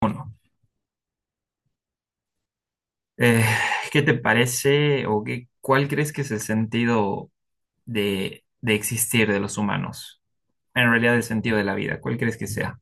Bueno, eh, ¿qué te parece o qué, cuál crees que es el sentido de existir de los humanos? En realidad, el sentido de la vida, ¿cuál crees que sea?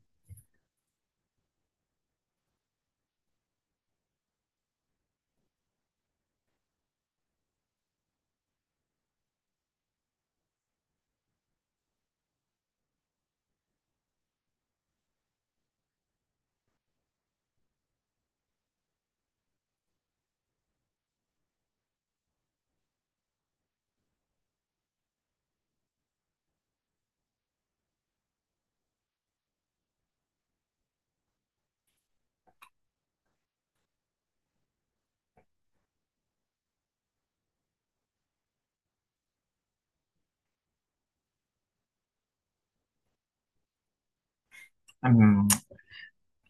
Mm,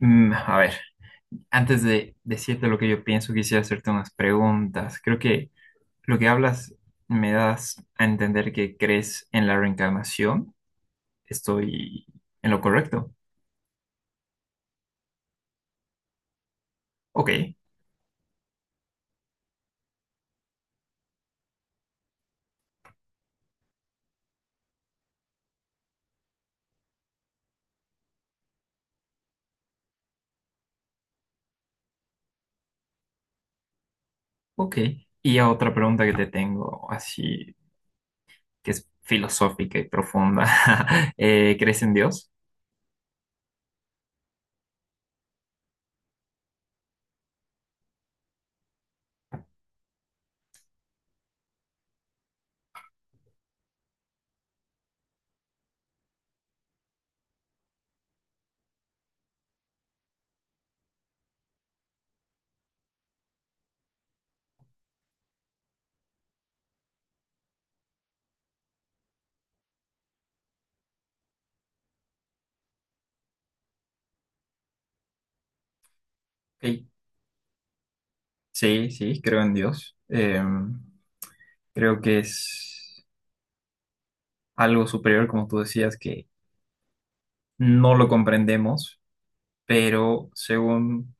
a ver, antes de decirte lo que yo pienso, quisiera hacerte unas preguntas. Creo que lo que hablas me das a entender que crees en la reencarnación. ¿Estoy en lo correcto? Ok, ok. Y a otra pregunta que te tengo, así que es filosófica y profunda. ¿Crees en Dios? Ok, sí, sí, creo en Dios. Creo que es algo superior, como tú decías, que no lo comprendemos, pero según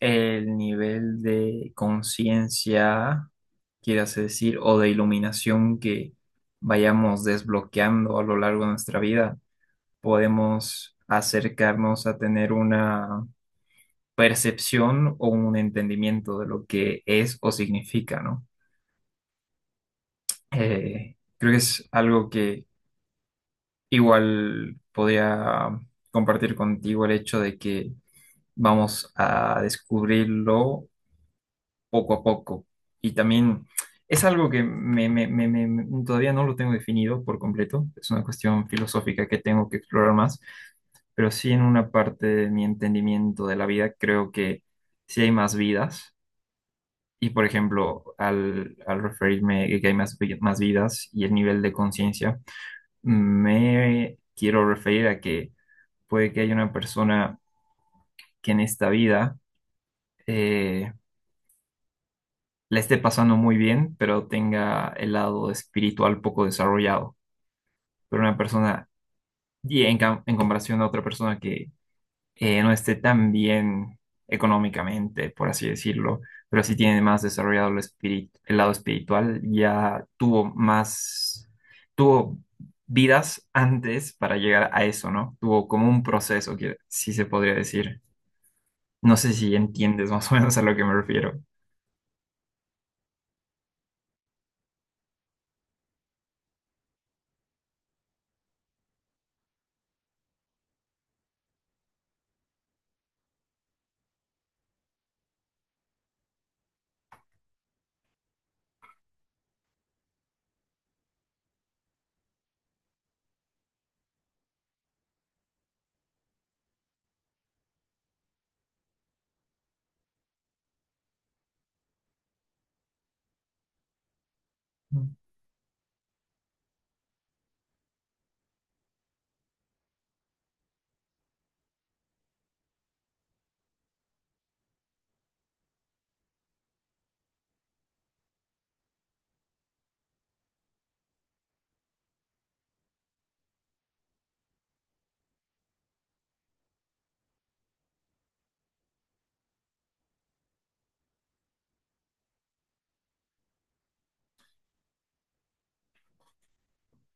el nivel de conciencia, quieras decir, o de iluminación que vayamos desbloqueando a lo largo de nuestra vida, podemos acercarnos a tener una percepción o un entendimiento de lo que es o significa, ¿no? Creo que es algo que igual podría compartir contigo el hecho de que vamos a descubrirlo poco a poco. Y también es algo que todavía no lo tengo definido por completo. Es una cuestión filosófica que tengo que explorar más, pero sí, en una parte de mi entendimiento de la vida, creo que sí hay más vidas. Y por ejemplo, al, al referirme a que hay más, más vidas y el nivel de conciencia, me quiero referir a que puede que haya una persona que en esta vida eh, la esté pasando muy bien, pero tenga el lado espiritual poco desarrollado. Pero una persona, en comparación a otra persona que no esté tan bien económicamente, por así decirlo, pero sí tiene más desarrollado el espíritu, el lado espiritual, ya tuvo más, tuvo vidas antes para llegar a eso, ¿no? Tuvo como un proceso que sí se podría decir. No sé si entiendes más o menos a lo que me refiero.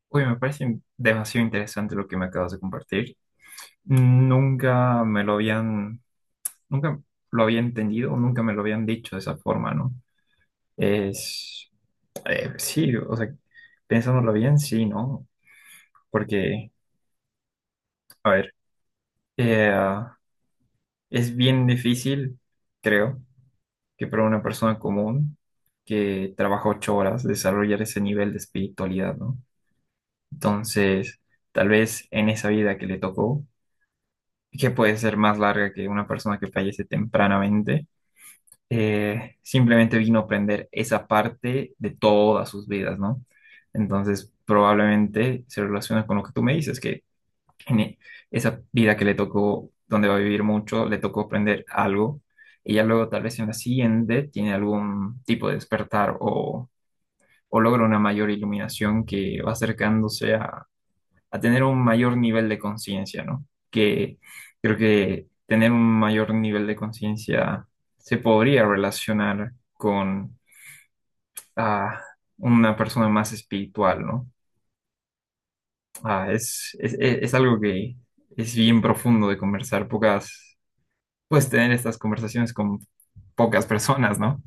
Uy, me parece demasiado interesante lo que me acabas de compartir. Nunca me lo habían, nunca lo había entendido, nunca me lo habían dicho de esa forma, ¿no? Es, sí, o sea, pensándolo bien, sí, ¿no? Porque, a ver, eh, ah, es bien difícil, creo, que para una persona común que trabaja 8 horas desarrollar ese nivel de espiritualidad, ¿no? Entonces, tal vez en esa vida que le tocó, que puede ser más larga que una persona que fallece tempranamente, simplemente vino a aprender esa parte de todas sus vidas, ¿no? Entonces, probablemente se relaciona con lo que tú me dices, que en e- esa vida que le tocó, donde va a vivir mucho, le tocó aprender algo, y ya luego tal vez en la siguiente tiene algún tipo de despertar o logra una mayor iluminación que va acercándose a tener un mayor nivel de conciencia, ¿no? Que creo que tener un mayor nivel de conciencia se podría relacionar con ah, una persona más espiritual, ¿no? Es algo que es bien profundo de conversar, pocas, puedes tener estas conversaciones con pocas personas, ¿no?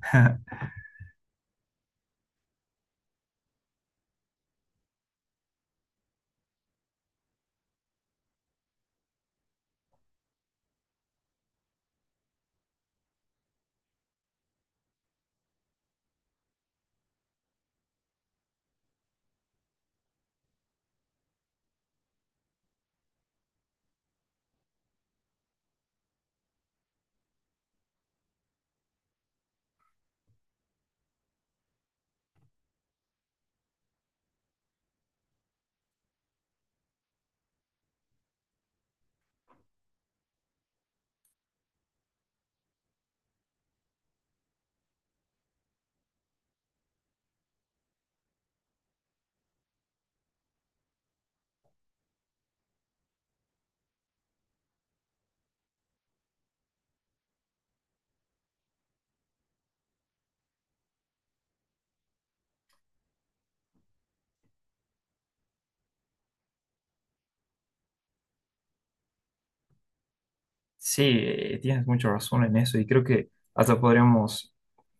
Sí, tienes mucha razón en eso y creo que hasta podríamos,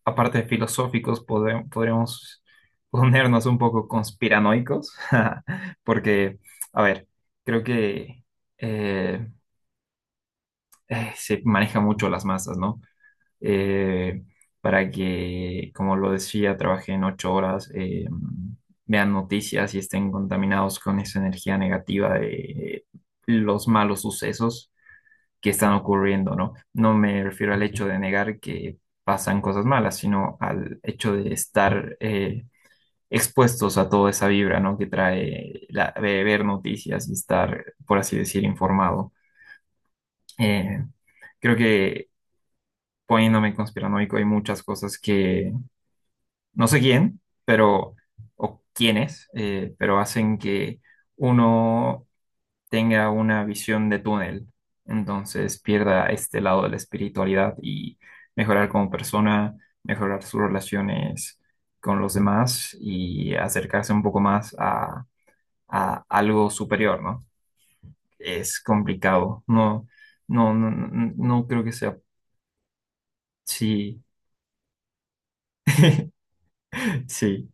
aparte de filosóficos, podríamos ponernos un poco conspiranoicos, porque, a ver, creo que eh, se maneja mucho las masas, ¿no? Eh, para que, como lo decía, trabajen 8 horas, vean noticias y estén contaminados con esa energía negativa de los malos sucesos que están ocurriendo, ¿no? No me refiero al hecho de negar que pasan cosas malas, sino al hecho de estar expuestos a toda esa vibra, ¿no? Que trae la, de ver noticias y estar, por así decir, informado. Eh, Creo que poniéndome conspiranoico hay muchas cosas que no sé quién, pero, o quiénes, pero hacen que uno tenga una visión de túnel, entonces pierda este lado de la espiritualidad y mejorar como persona, mejorar sus relaciones con los demás y acercarse un poco más a algo superior, ¿no? Es complicado, no, no, no, no creo que sea, sí, sí,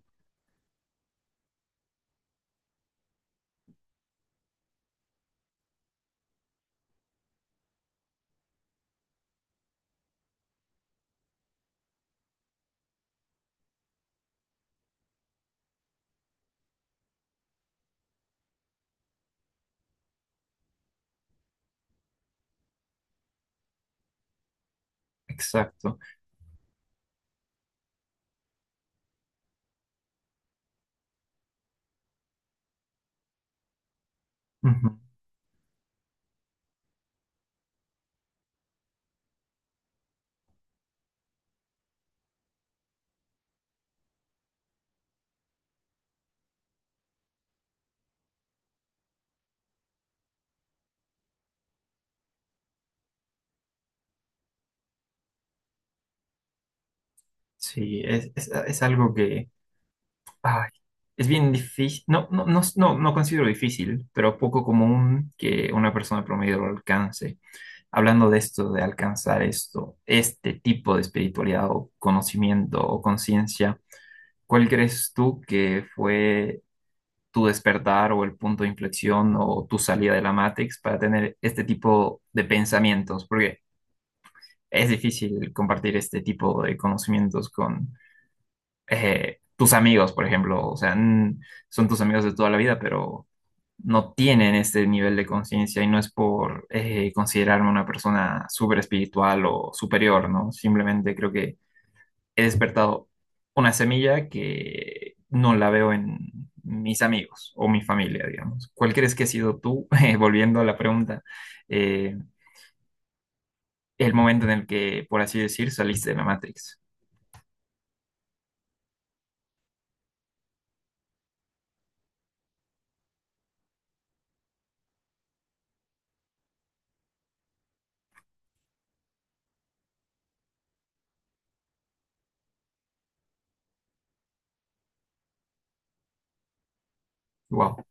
exacto. Ujú. Sí, es algo que ay, es bien difícil, no, no, no, no, no considero difícil, pero poco común que una persona promedio lo alcance. Hablando de esto, de alcanzar esto, este tipo de espiritualidad o conocimiento o conciencia, ¿cuál crees tú que fue tu despertar o el punto de inflexión o tu salida de la Matrix para tener este tipo de pensamientos? Porque es difícil compartir este tipo de conocimientos con tus amigos, por ejemplo, o sea, son tus amigos de toda la vida, pero no tienen este nivel de conciencia y no es por considerarme una persona súper espiritual o superior, ¿no? Simplemente creo que he despertado una semilla que no la veo en mis amigos o mi familia, digamos. ¿Cuál crees que ha sido tú, volviendo a la pregunta, eh, el momento en el que, por así decir, saliste de la Matrix? Wow,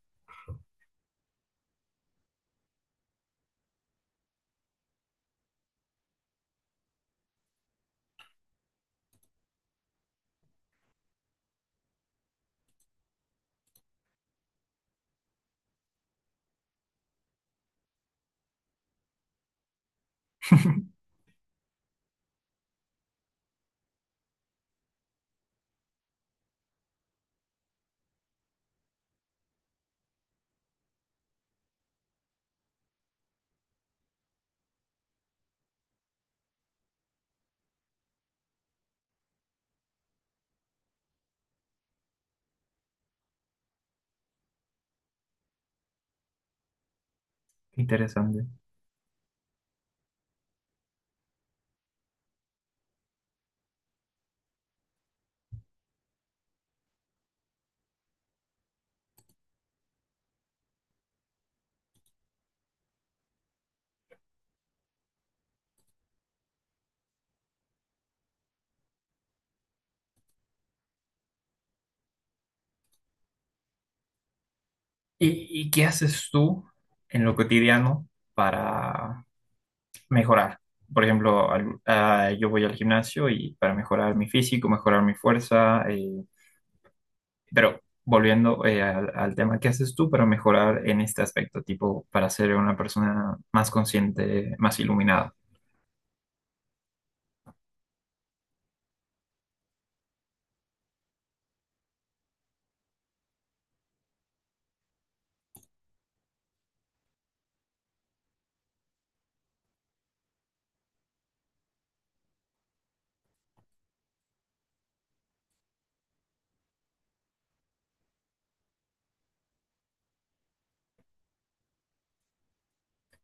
interesante. Y qué haces tú en lo cotidiano para mejorar? Por ejemplo, yo voy al gimnasio y para mejorar mi físico, mejorar mi fuerza, pero volviendo al tema, ¿qué haces tú para mejorar en este aspecto? Tipo, para ser una persona más consciente, más iluminada.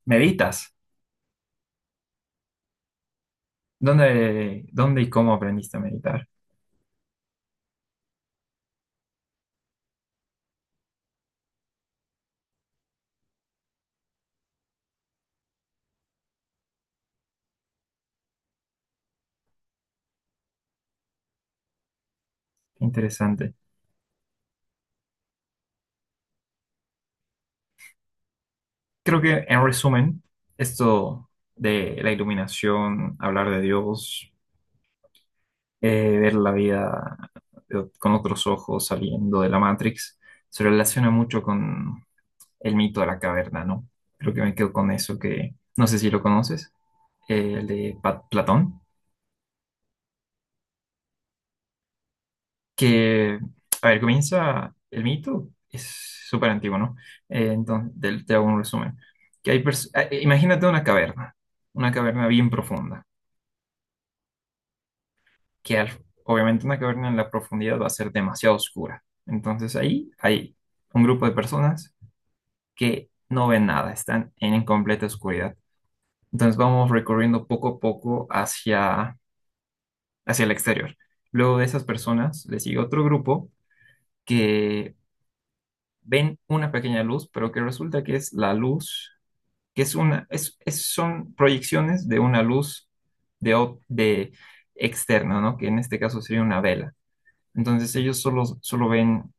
¿Meditas? Dónde y cómo aprendiste a meditar? Qué interesante. Creo que en resumen, esto de la iluminación, hablar de Dios ver la vida con otros ojos saliendo de la Matrix, se relaciona mucho con el mito de la caverna, ¿no? Creo que me quedo con eso. Que no sé si lo conoces, el de Platón, que, a ver, comienza el mito, es súper antiguo, ¿no? Entonces, te hago un resumen. Que hay imagínate una caverna bien profunda, que obviamente una caverna en la profundidad va a ser demasiado oscura. Entonces ahí hay un grupo de personas que no ven nada, están en completa oscuridad. Entonces vamos recorriendo poco a poco hacia el exterior. Luego de esas personas le sigue otro grupo que ven una pequeña luz, pero que resulta que es la luz, que es son proyecciones de una luz de externa, ¿no? Que en este caso sería una vela. Entonces ellos solo ven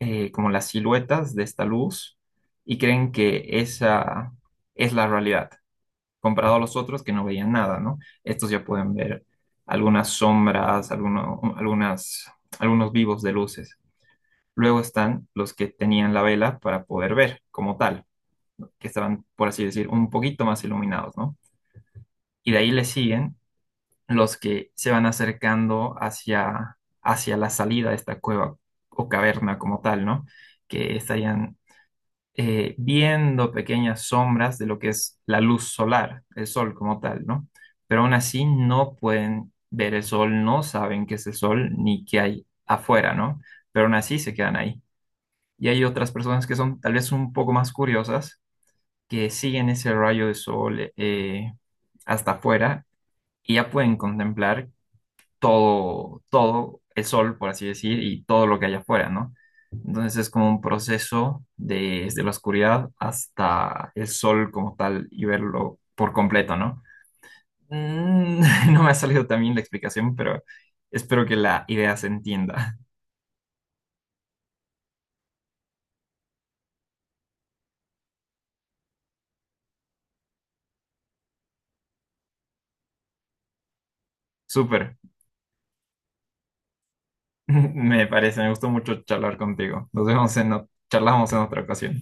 como las siluetas de esta luz y creen que esa es la realidad, comparado a los otros que no veían nada, ¿no? Estos ya pueden ver algunas sombras, algunos vivos de luces. Luego están los que tenían la vela para poder ver como tal, que estaban, por así decir, un poquito más iluminados, ¿no? Y de ahí le siguen los que se van acercando hacia la salida de esta cueva o caverna como tal, ¿no? Que estarían viendo pequeñas sombras de lo que es la luz solar, el sol como tal, ¿no? Pero aún así no pueden ver el sol, no saben qué es el sol ni qué hay afuera, ¿no? Pero aún así se quedan ahí. Y hay otras personas que son tal vez un poco más curiosas, que siguen ese rayo de sol hasta afuera y ya pueden contemplar todo el sol, por así decir, y todo lo que hay afuera, ¿no? Entonces es como un proceso desde la oscuridad hasta el sol como tal y verlo por completo, ¿no? Mm, no me ha salido también la explicación, pero espero que la idea se entienda. Súper, me parece, me gustó mucho charlar contigo. Nos vemos charlamos en otra ocasión.